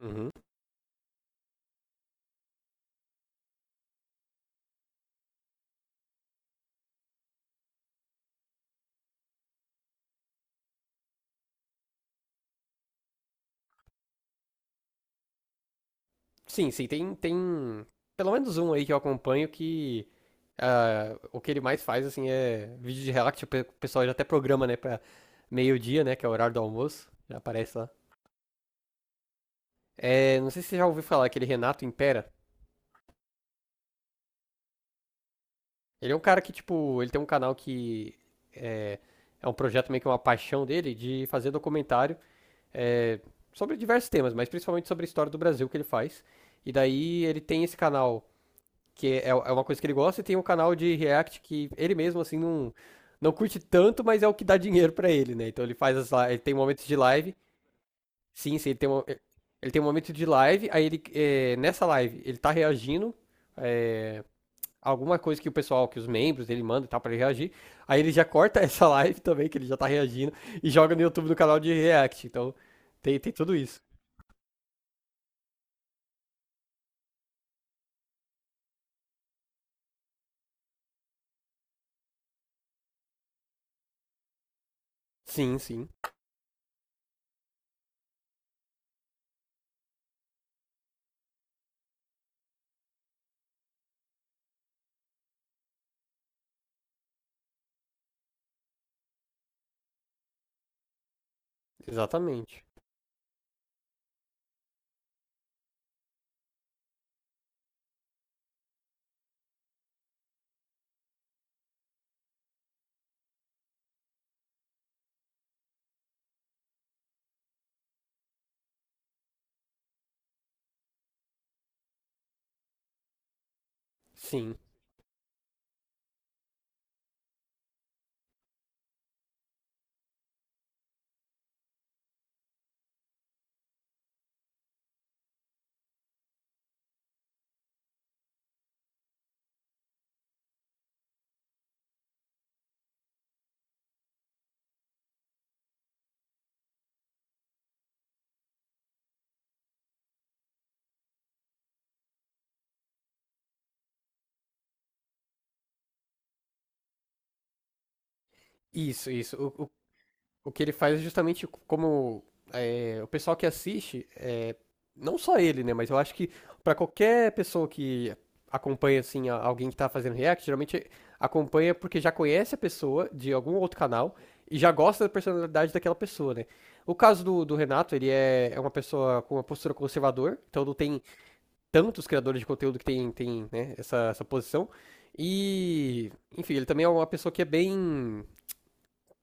Uhum. Sim, sim, tem pelo menos um aí que eu acompanho que o que ele mais faz, assim, é vídeo de relax, tipo, o pessoal já até programa, né, pra meio-dia, né, que é o horário do almoço, já aparece lá. É, não sei se você já ouviu falar, aquele Renato Impera. Ele é um cara que, tipo, ele tem um canal que é, é um projeto meio que uma paixão dele de fazer documentário é, sobre diversos temas, mas principalmente sobre a história do Brasil que ele faz. E daí ele tem esse canal que é uma coisa que ele gosta, e tem um canal de React que ele mesmo, assim, não, não curte tanto, mas é o que dá dinheiro pra ele, né? Então ele ele tem momentos de live, sim, sim, ele tem um momento de live, aí nessa live, ele tá reagindo é, alguma coisa que o pessoal, que os membros dele mandam e tal, pra ele reagir, aí ele já corta essa live também, que ele já tá reagindo, e joga no YouTube, no canal de React, então tem tudo isso. Sim, sim, exatamente, sim. Isso, isso. O que ele faz é justamente como é, o pessoal que assiste, não só ele, né? Mas eu acho que pra qualquer pessoa que acompanha, assim, alguém que tá fazendo react, geralmente acompanha porque já conhece a pessoa de algum outro canal e já gosta da personalidade daquela pessoa, né? O caso do Renato, ele é uma pessoa com uma postura conservador, então não tem tantos criadores de conteúdo que tem né, essa posição. E, enfim, ele também é uma pessoa que é bem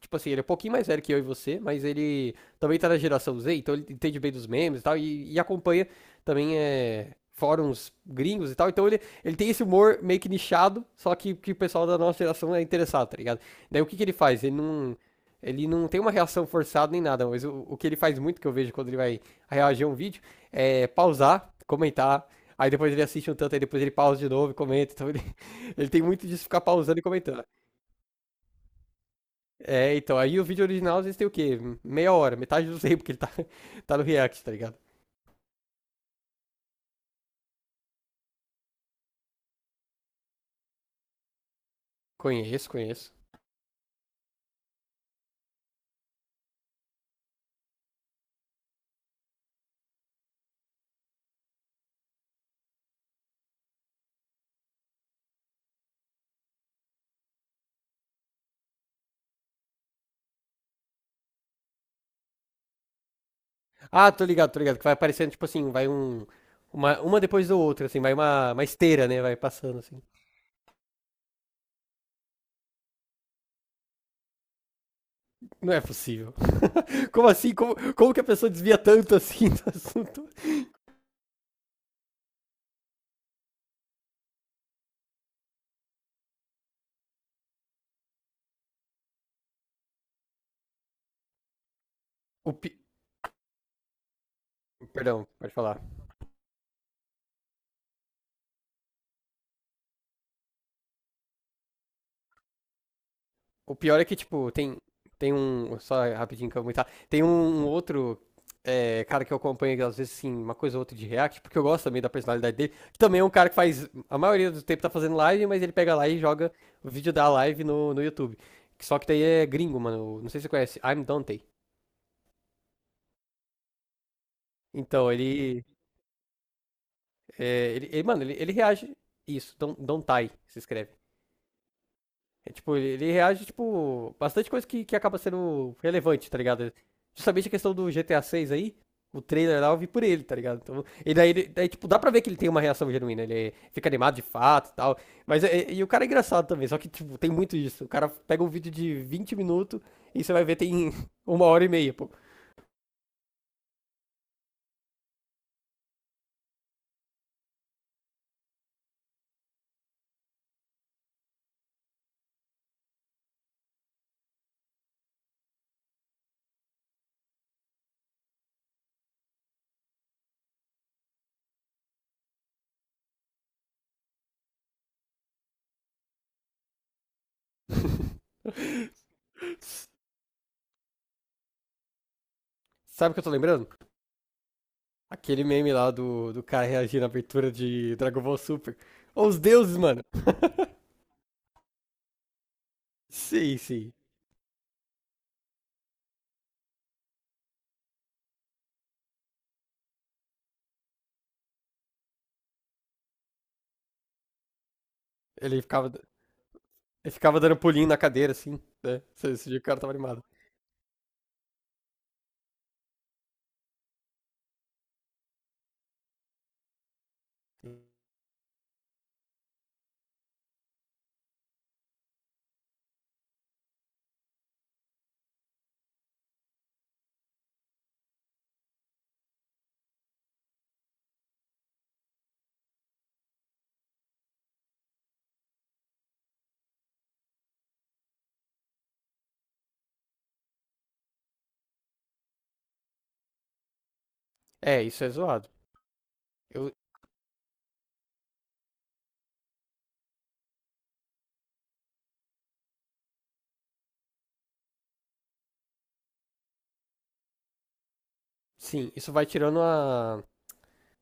tipo assim, ele é um pouquinho mais velho que eu e você, mas ele também tá na geração Z, então ele entende bem dos memes e tal, e acompanha também fóruns gringos e tal. Então ele tem esse humor meio que nichado, só que o pessoal da nossa geração é interessado, tá ligado? Daí o que, que ele faz? Ele não. Ele não tem uma reação forçada nem nada, mas o que ele faz muito, que eu vejo quando ele vai reagir a um vídeo, é pausar, comentar, aí depois ele assiste um tanto, aí depois ele pausa de novo e comenta. Então ele, ele tem muito disso ficar pausando e comentando. É, então, aí o vídeo original às vezes tem o quê? Meia hora, metade do tempo que ele tá, tá no React, tá ligado? Conheço, conheço. Ah, tô ligado, que vai aparecendo, tipo assim, vai um... Uma depois da outra, assim, vai uma esteira, né? Vai passando, assim. Não é possível. Como assim? Como que a pessoa desvia tanto, assim, do assunto? O pi... Perdão, pode falar. O pior é que, tipo, tem um. Só rapidinho que eu vou comentar. Tem um outro cara que eu acompanho, que às vezes, assim, uma coisa ou outra de React, porque eu gosto também da personalidade dele. Que também é um cara que faz. A maioria do tempo tá fazendo live, mas ele pega lá e joga o vídeo da live no YouTube. Só que daí é gringo, mano. Não sei se você conhece. I'm Dante. Então, ele. Mano, ele reage. Isso, Dontai, se escreve. É, tipo, ele reage, tipo, bastante coisa que acaba sendo relevante, tá ligado? Justamente a questão do GTA 6 seis aí, o trailer lá eu vi por ele, tá ligado? Então, e daí, daí, tipo, dá pra ver que ele tem uma reação genuína, ele fica animado de fato e tal. Mas, e, o cara é engraçado também, só que, tipo, tem muito isso. O cara pega um vídeo de 20 minutos e você vai ver tem uma hora e meia, pô. Sabe o que eu tô lembrando? Aquele meme lá do cara reagindo à abertura de Dragon Ball Super. Os deuses, mano. Sim, sim. Ele ficava, ele ficava dando pulinho na cadeira, assim, né? Esse dia o cara tava animado. É, isso é zoado. Eu, sim, isso vai tirando a,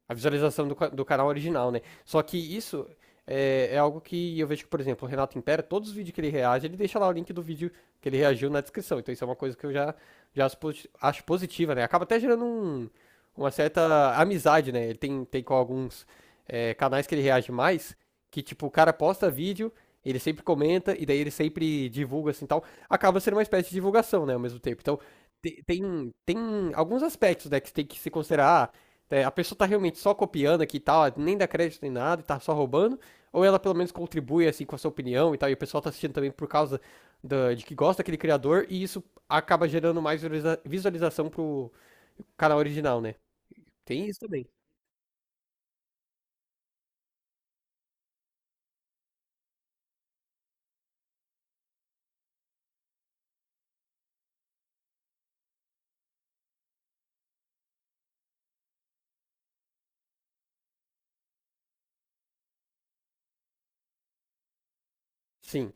A visualização do canal original, né? Só que isso é algo que eu vejo que, por exemplo, o Renato Impera, todos os vídeos que ele reage, ele deixa lá o link do vídeo que ele reagiu na descrição. Então isso é uma coisa que eu já acho positiva, né? Acaba até gerando uma certa amizade, né? Ele tem com alguns canais que ele reage mais, que tipo, o cara posta vídeo, ele sempre comenta, e daí ele sempre divulga assim tal. Acaba sendo uma espécie de divulgação, né? Ao mesmo tempo. Então tem alguns aspectos, né, que você tem que se considerar. Ah, é, a pessoa tá realmente só copiando aqui e tal, nem dá crédito nem nada, e tá só roubando, ou ela pelo menos contribui assim com a sua opinião e tal, e o pessoal tá assistindo também por causa de que gosta daquele criador, e isso acaba gerando mais visualização pro canal original, né? Tem isso também. Sim,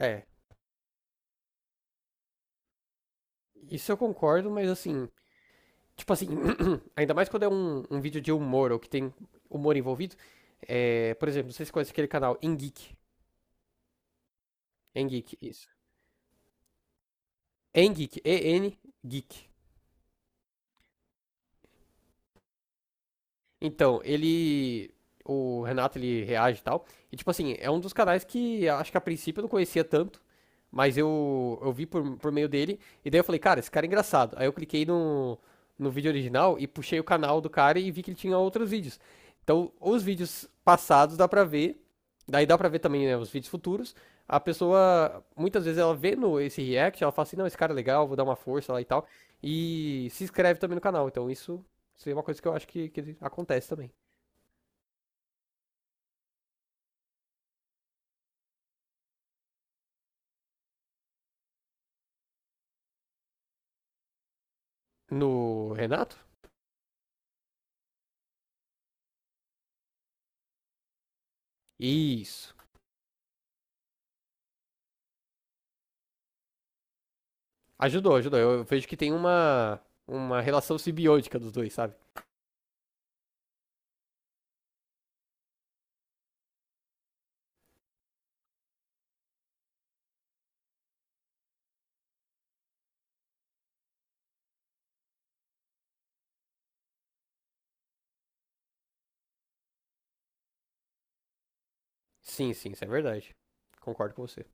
é. Isso eu concordo, mas assim, tipo assim, ainda mais quando é um vídeo de humor ou que tem humor envolvido, é, por exemplo, não sei se você conhece aquele canal, Engeek. Engeek, isso. Engeek, EN Geek. Então, ele. O Renato ele reage e tal. E tipo assim, é um dos canais que acho que a princípio eu não conhecia tanto. Mas eu vi por meio dele. E daí eu falei, cara, esse cara é engraçado. Aí eu cliquei no vídeo original e puxei o canal do cara e vi que ele tinha outros vídeos. Então, os vídeos passados dá pra ver. Daí dá pra ver também, né, os vídeos futuros. A pessoa, muitas vezes, ela vê no, esse react, ela fala assim, não, esse cara é legal, vou dar uma força lá e tal. E se inscreve também no canal. Então, isso é uma coisa que eu acho que acontece também. No Renato? Isso. Ajudou, ajudou. Eu vejo que tem uma relação simbiótica dos dois, sabe? Sim, sim, isso é verdade. Concordo com você.